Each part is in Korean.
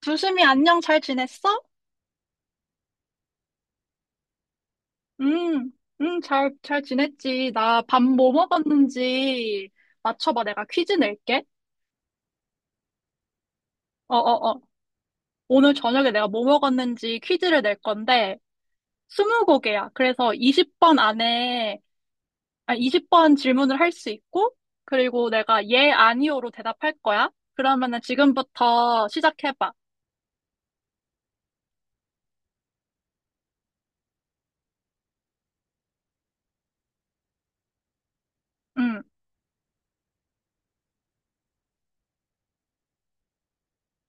두심이 안녕, 잘 지냈어? 응, 응, 잘 지냈지. 나 밥 뭐 먹었는지 맞춰봐. 내가 퀴즈 낼게. 어, 어, 어. 오늘 저녁에 내가 뭐 먹었는지 퀴즈를 낼 건데, 스무 곡이야. 그래서 20번 안에, 아, 20번 질문을 할 수 있고, 그리고 내가 예, 아니오로 대답할 거야. 그러면은 지금부터 시작해봐. 응,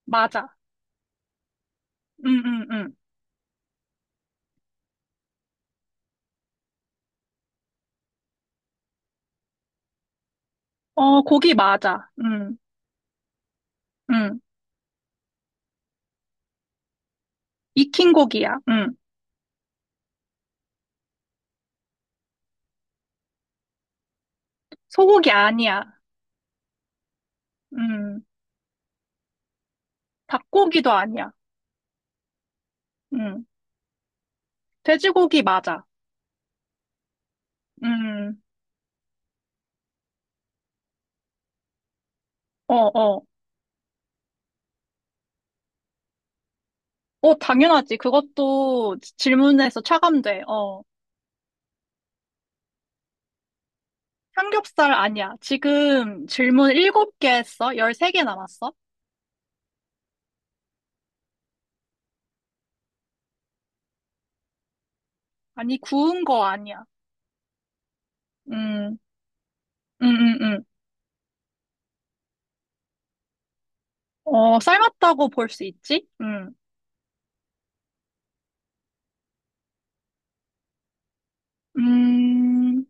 맞아. 응, 응, 응. 어, 고기 맞아. 응, 응. 익힌 고기야. 응. 소고기 아니야. 음, 닭고기도 아니야. 음, 돼지고기 맞아. 음, 어, 어. 어, 당연하지. 그것도 질문에서 차감돼. 어. 삼겹살 아니야. 지금 질문 7개 했어? 13개 남았어? 아니, 구운 거 아니야. 음, 음, 음, 음. 어, 삶았다고 볼 수 있지? 음,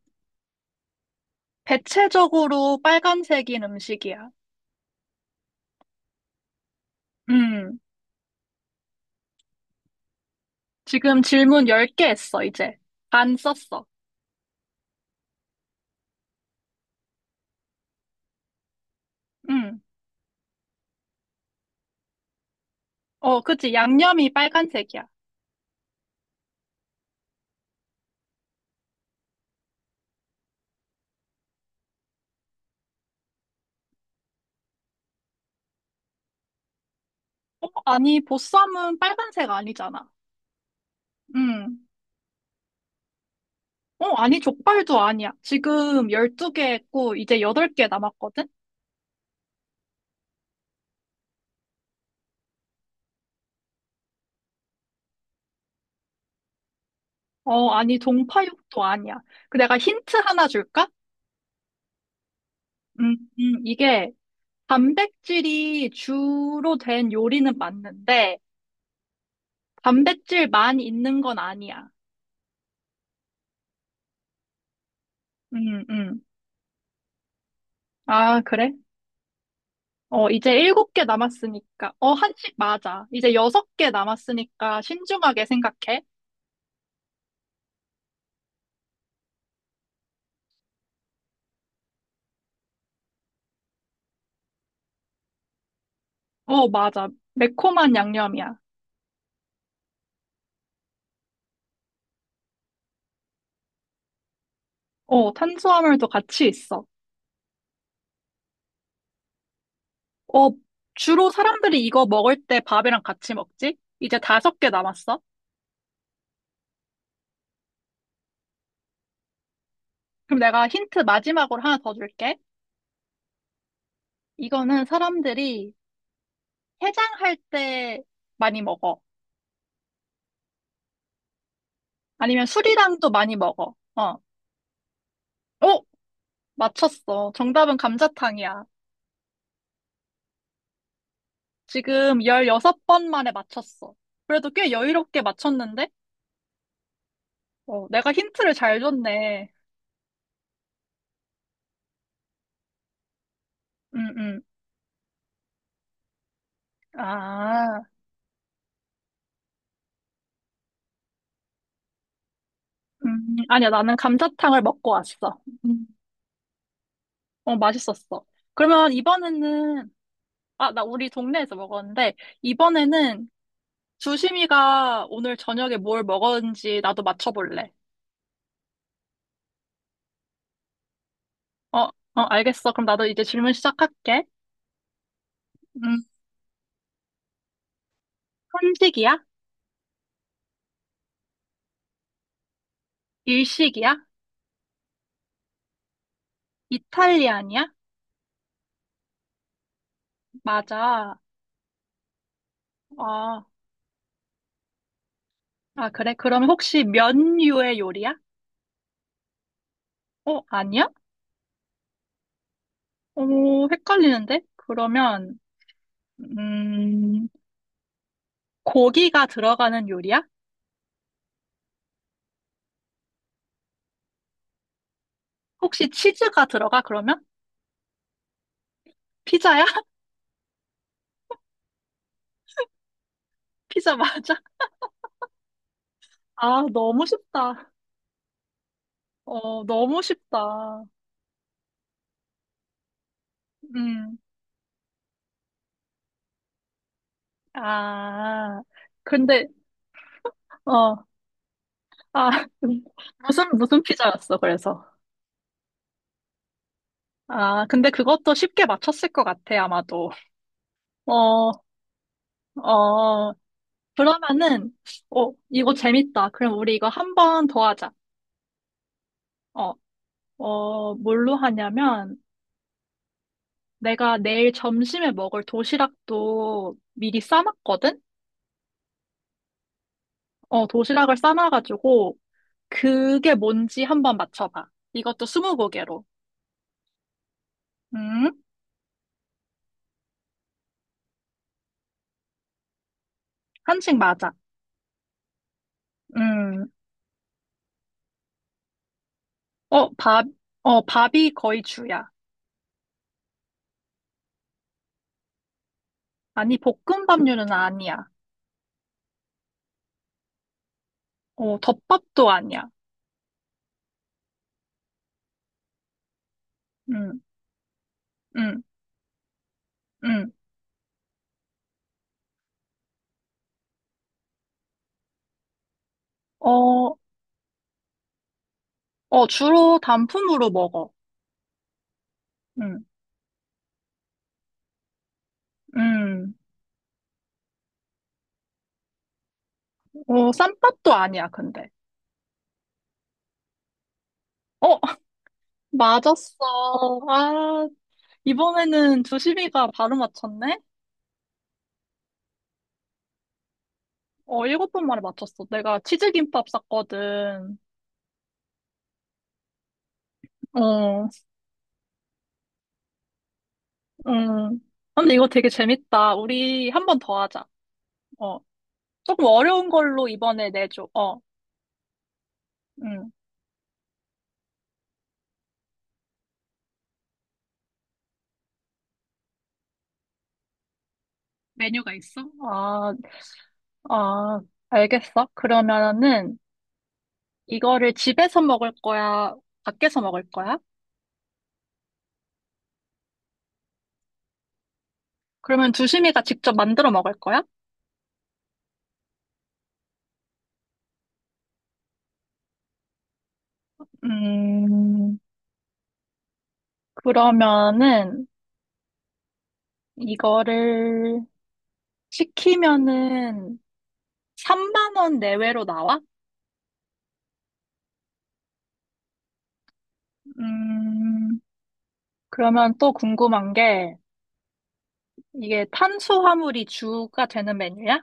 대체적으로 빨간색인 음식이야. 음, 지금 질문 10개 했어, 이제. 안 썼어. 음. 어, 그치. 양념이 빨간색이야. 어, 아니, 보쌈은 빨간색 아니잖아. 음. 어, 아니, 족발도 아니야. 지금 12개 했고, 이제 8개 남았거든? 어, 아니, 동파육도 아니야. 그 내가 힌트 하나 줄까? 음, 이게 단백질이 주로 된 요리는 맞는데, 단백질만 있는 건 아니야. 음, 음. 아, 그래? 어, 이제 7개 남았으니까. 어, 한식 맞아. 이제 6개 남았으니까 신중하게 생각해. 어, 맞아. 매콤한 양념이야. 어, 탄수화물도 같이 있어. 어, 주로 사람들이 이거 먹을 때 밥이랑 같이 먹지? 이제 5개 남았어. 그럼 내가 힌트 마지막으로 하나 더 줄게. 이거는 사람들이 해장할 때 많이 먹어. 아니면 술이랑도 많이 먹어. 어, 어, 맞췄어. 정답은 감자탕이야. 지금 16번 만에 맞췄어. 그래도 꽤 여유롭게 맞췄는데? 어, 내가 힌트를 잘 줬네. 음, 음. 아. 아니야, 나는 감자탕을 먹고 왔어. 음, 어, 맛있었어. 그러면 이번에는, 아, 나 우리 동네에서 먹었는데, 이번에는 주심이가 오늘 저녁에 뭘 먹었는지 나도 맞춰볼래. 어, 어, 알겠어. 그럼 나도 이제 질문 시작할게. 음, 한식이야? 일식이야? 이탈리안이야? 맞아. 아, 아, 그래? 그럼 혹시 면류의 요리야? 어, 아니야? 오, 헷갈리는데? 그러면, 음, 고기가 들어가는 요리야? 혹시 치즈가 들어가, 그러면? 피자야? 피자 맞아? 아, 너무 쉽다. 어, 너무 쉽다. 음, 아, 근데, 어, 아, 무슨 피자였어, 그래서. 아, 근데 그것도 쉽게 맞췄을 것 같아, 아마도. 어, 어, 그러면은, 어, 이거 재밌다. 그럼 우리 이거 한번 더 하자. 어, 어, 뭘로 하냐면, 내가 내일 점심에 먹을 도시락도 미리 싸놨거든? 어, 도시락을 싸놔가지고 그게 뭔지 한번 맞춰봐. 이것도 스무고개로. 음, 한식 맞아. 음, 어, 밥, 밥이 거의 주야. 아니, 볶음밥류는 아니야. 어, 덮밥도 아니야. 음, 음, 음. 어, 어, 주로 단품으로 먹어. 음, 음. 어, 쌈밥도 아니야, 근데. 어, 맞았어. 아, 이번에는 두시비가 바로 맞췄네? 어, 7번 만에 맞췄어. 내가 치즈김밥 샀거든. 어, 음. 근데 이거 되게 재밌다. 우리 한 번 더 하자. 어, 조금 어려운 걸로 이번에 내줘. 어, 음. 메뉴가 있어? 아, 아, 알겠어. 그러면은 이거를 집에서 먹을 거야? 밖에서 먹을 거야? 그러면 두심이가 직접 만들어 먹을 거야? 음, 그러면은 이거를 시키면은 3만 원 내외로 나와? 음, 그러면 또 궁금한 게 이게 탄수화물이 주가 되는 메뉴야?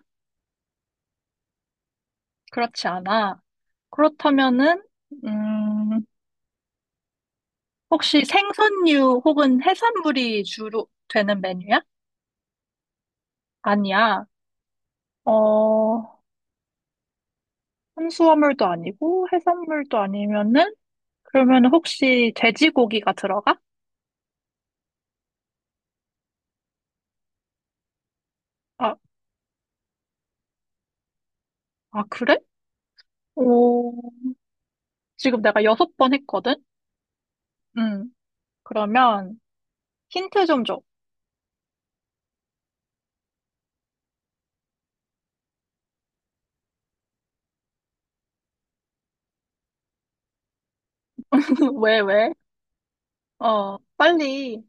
그렇지 않아. 그렇다면은 음, 혹시 생선류 혹은 해산물이 주로 되는 메뉴야? 아니야. 어, 탄수화물도 아니고 해산물도 아니면은 그러면 혹시 돼지고기가 들어가? 아, 아 그래? 오, 지금 내가 6번 했거든? 음. 그러면 힌트 좀 줘. 왜, 왜? 어, 빨리.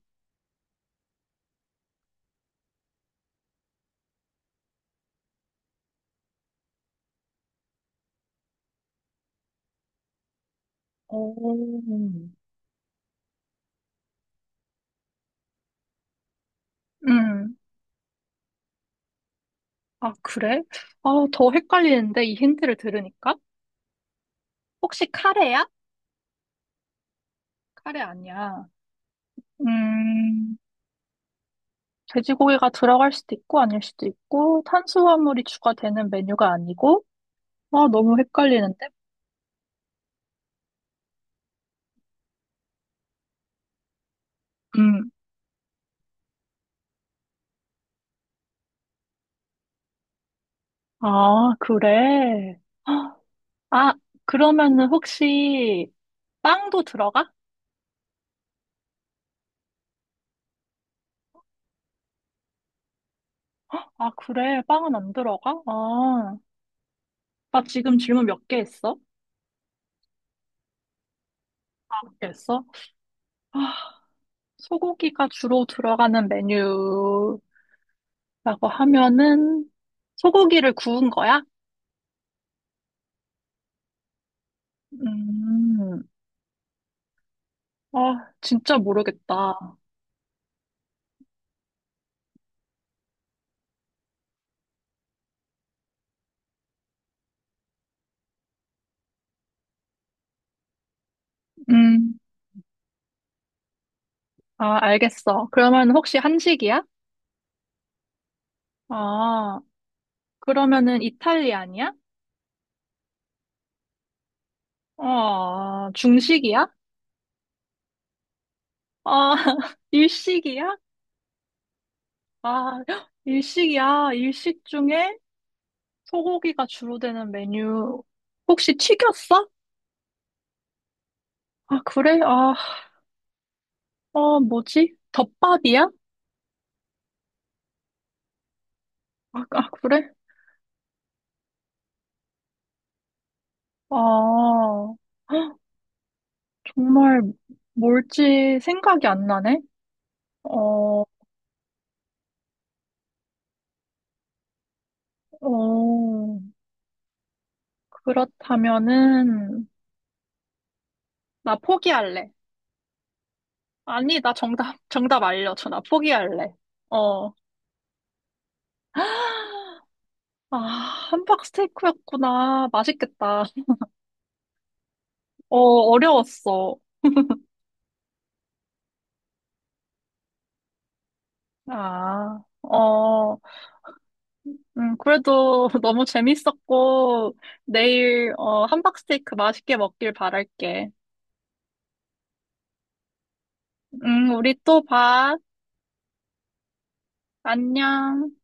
오. 음. 아, 그래? 아, 더 헷갈리는데, 이 힌트를 들으니까? 혹시 카레야? 카레 아니야. 음, 돼지고기가 들어갈 수도 있고, 아닐 수도 있고, 탄수화물이 추가되는 메뉴가 아니고, 아, 너무 헷갈리는데? 음, 아, 그래. 아, 그러면은 혹시 빵도 들어가? 아, 그래. 빵은 안 들어가? 아. 아 지금 질문 몇 개 했어? 몇 개 했어? 아, 소고기가 주로 들어가는 메뉴라고 하면은 소고기를 구운 거야? 음, 아, 진짜 모르겠다. 음, 아, 알겠어. 그러면 혹시 한식이야? 아, 그러면은 이탈리안이야? 아, 중식이야? 아, 일식이야? 아, 일식이야. 일식 중에 소고기가 주로 되는 메뉴 혹시 튀겼어? 아, 그래? 아, 아, 뭐지? 덮밥이야? 아, 아, 그래? 아, 헉, 정말 뭘지 생각이 안 나네? 어, 어, 그렇다면은, 나 포기할래. 아니, 나 정답 알려줘. 나 포기할래. 어. 아, 함박 스테이크였구나. 맛있겠다. 어, 어려웠어. 아, 어. 그래도 너무 재밌었고, 내일, 어, 함박스테이크 맛있게 먹길 바랄게. 우리 또 봐. 안녕.